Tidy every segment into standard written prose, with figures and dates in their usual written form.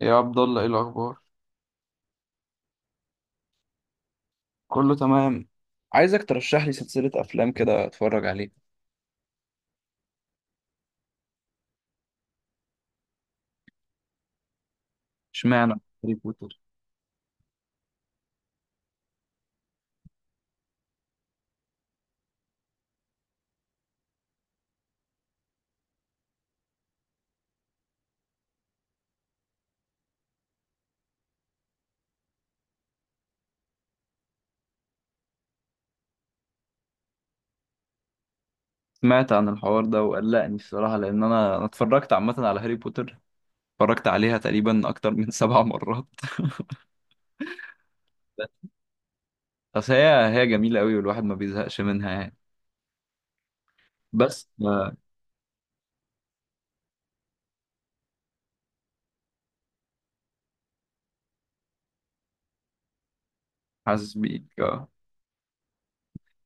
يا عبد الله، ايه الاخبار؟ كله تمام. عايزك ترشح لي سلسلة افلام كده اتفرج عليها. اشمعنى هاري بوتر؟ سمعت عن الحوار ده وقلقني الصراحة، لان انا اتفرجت عامة على هاري بوتر، اتفرجت عليها تقريبا اكتر من 7 مرات. بس هي جميلة قوي، والواحد ما بيزهقش منها يعني. بس. حاسس بيك آه.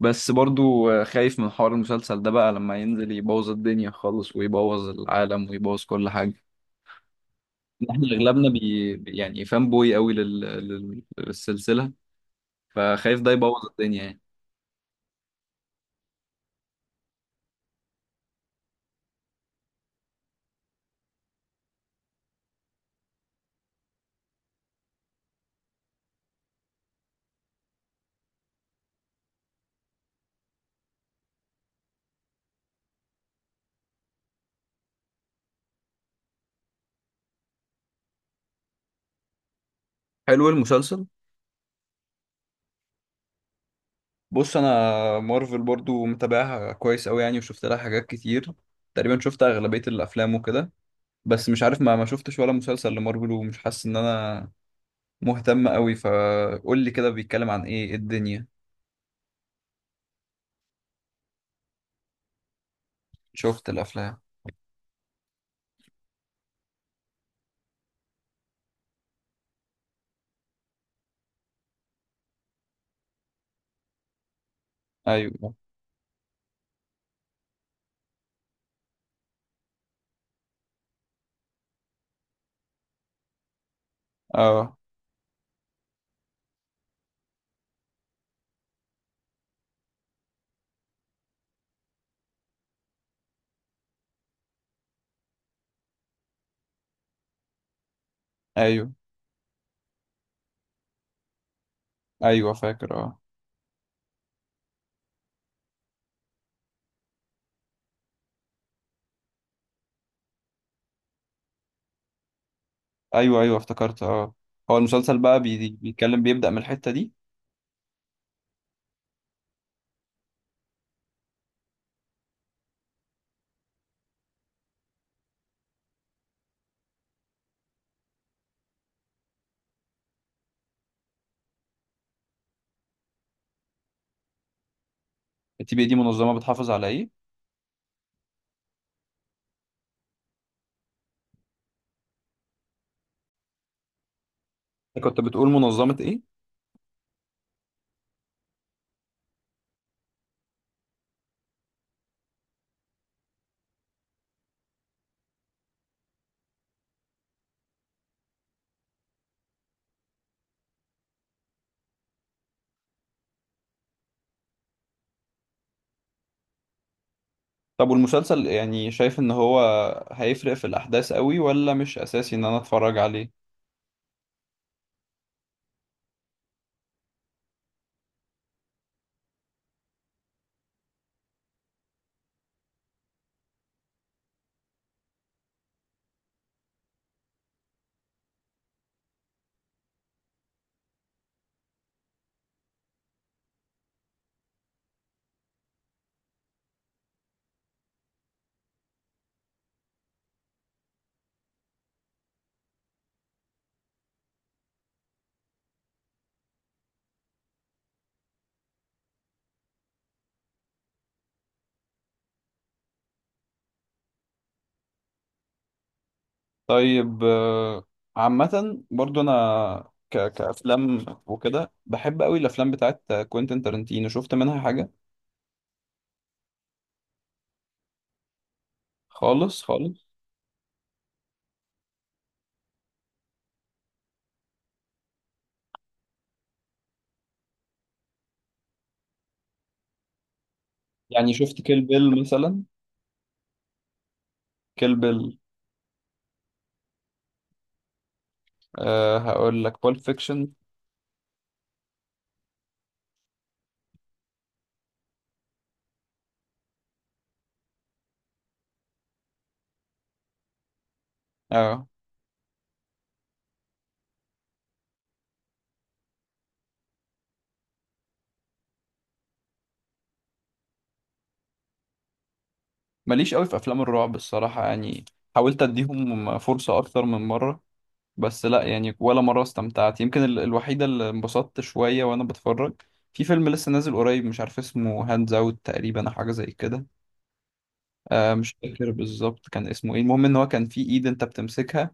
بس برضو خايف من حوار المسلسل ده بقى، لما ينزل يبوظ الدنيا خالص ويبوظ العالم ويبوظ كل حاجة. احنا اغلبنا يعني فان بوي قوي للسلسلة، فخايف ده يبوظ الدنيا يعني. حلو المسلسل. بص انا، مارفل برضو متابعها كويس قوي يعني، وشفت لها حاجات كتير، تقريبا شفت اغلبية الافلام وكده. بس مش عارف، ما شفتش ولا مسلسل لمارفل، ومش حاسس ان انا مهتم قوي. فقول لي كده، بيتكلم عن ايه؟ إيه الدنيا؟ شفت الافلام. ايوه. اه. ايوه، ايوه فاكر، اه. ايوه، ايوه افتكرت، اه. هو المسلسل بقى بيتكلم، بيبدأ من الحتة دي. TBD منظمة بتحافظ على ايه؟ كنت بتقول منظمة ايه؟ طب والمسلسل يعني، شايف ان هو هيفرق في الاحداث قوي، ولا مش اساسي ان انا اتفرج عليه؟ طيب، عامة برضو انا كافلام وكده بحب قوي الافلام بتاعت كوينتين تارنتينو، شفت منها حاجة؟ خالص خالص. يعني شفت كيل بيل مثلا؟ كيل بيل. أه، هقول لك بول فيكشن. أه. ماليش قوي في افلام الرعب الصراحة يعني، حاولت اديهم فرصة اكتر من مرة، بس لا يعني، ولا مرة استمتعت. يمكن الوحيدة اللي انبسطت شوية وانا بتفرج في فيلم لسه نازل قريب، مش عارف اسمه، هاندز اوت تقريبا أو حاجة زي كده. آه، مش فاكر بالظبط كان اسمه ايه. المهم ان هو كان في ايد انت بتمسكها،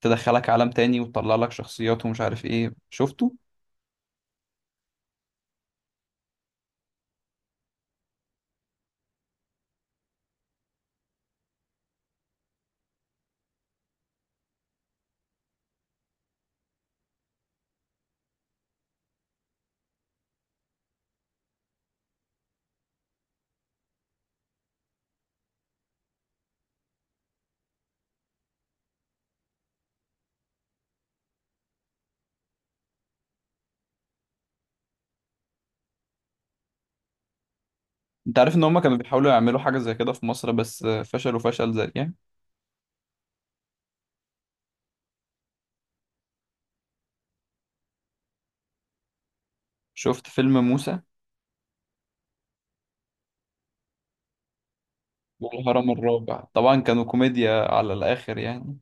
تدخلك عالم تاني وتطلع لك شخصيات ومش عارف ايه، شفته. انت عارف ان هما كانوا بيحاولوا يعملوا حاجة زي كده في مصر، بس فشلوا فشل ذريع. شفت فيلم موسى؟ والهرم الرابع طبعا، كانوا كوميديا على الآخر يعني.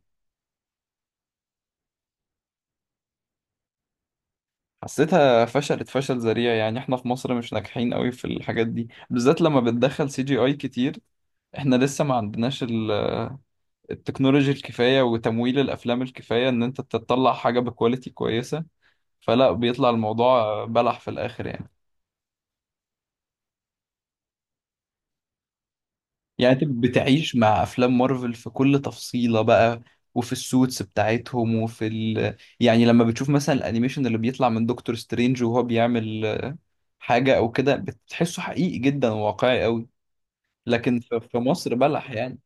حسيتها فشلت فشل ذريع يعني، احنا في مصر مش ناجحين قوي في الحاجات دي، بالذات لما بتدخل CGI كتير. احنا لسه ما عندناش التكنولوجي الكفاية وتمويل الافلام الكفاية، ان انت تطلع حاجة بكواليتي كويسة، فلا بيطلع الموضوع بلح في الاخر يعني. يعني انت بتعيش مع افلام مارفل في كل تفصيلة بقى، وفي السوتس بتاعتهم، وفي يعني لما بتشوف مثلا الانيميشن اللي بيطلع من دكتور سترينج، وهو بيعمل حاجة او كده، بتحسه حقيقي جدا وواقعي قوي. لكن في مصر بلح يعني.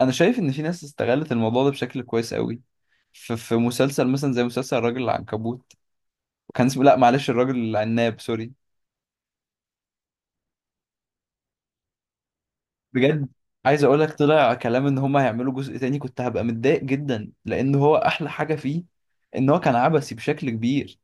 انا شايف ان في ناس استغلت الموضوع ده بشكل كويس قوي. في مسلسل مثلا زي مسلسل الراجل العنكبوت، كان اسمه، لا معلش، الراجل العناب، سوري. بجد، عايز اقول لك، طلع كلام ان هما هيعملوا جزء تاني كنت هبقى متضايق جدا، لان هو احلى حاجة فيه ان هو كان عبثي بشكل كبير.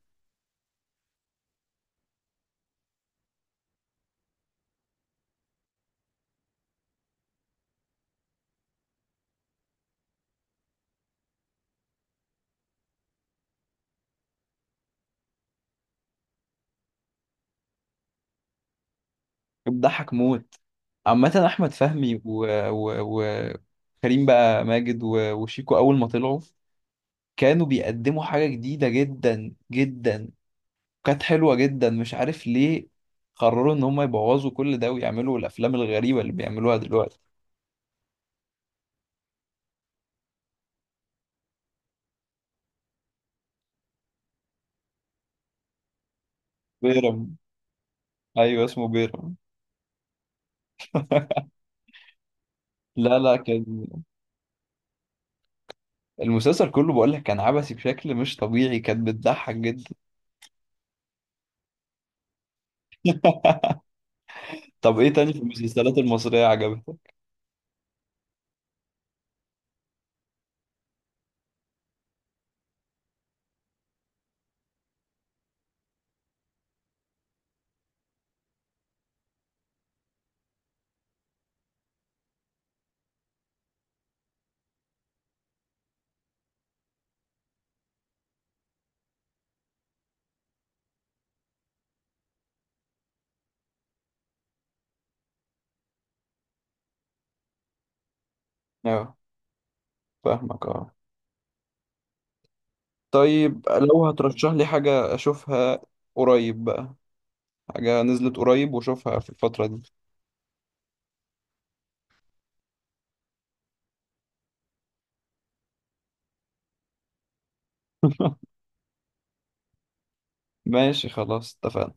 بيضحك موت. عامة احمد فهمي و كريم بقى ماجد و وشيكو اول ما طلعوا كانوا بيقدموا حاجة جديدة جدا جدا، كانت حلوة جدا. مش عارف ليه قرروا ان هم يبوظوا كل ده ويعملوا الافلام الغريبة اللي بيعملوها دلوقتي. بيرم. ايوه، اسمه بيرم. لا لا، كان المسلسل كله، بقول لك، كان عبثي بشكل مش طبيعي، كانت بتضحك جدا. طب ايه تاني في المسلسلات المصرية عجبتك؟ اه. فاهمك اه. طيب، لو هترشح لي حاجة اشوفها قريب بقى، حاجة نزلت قريب واشوفها في الفترة دي. ماشي خلاص، اتفقنا.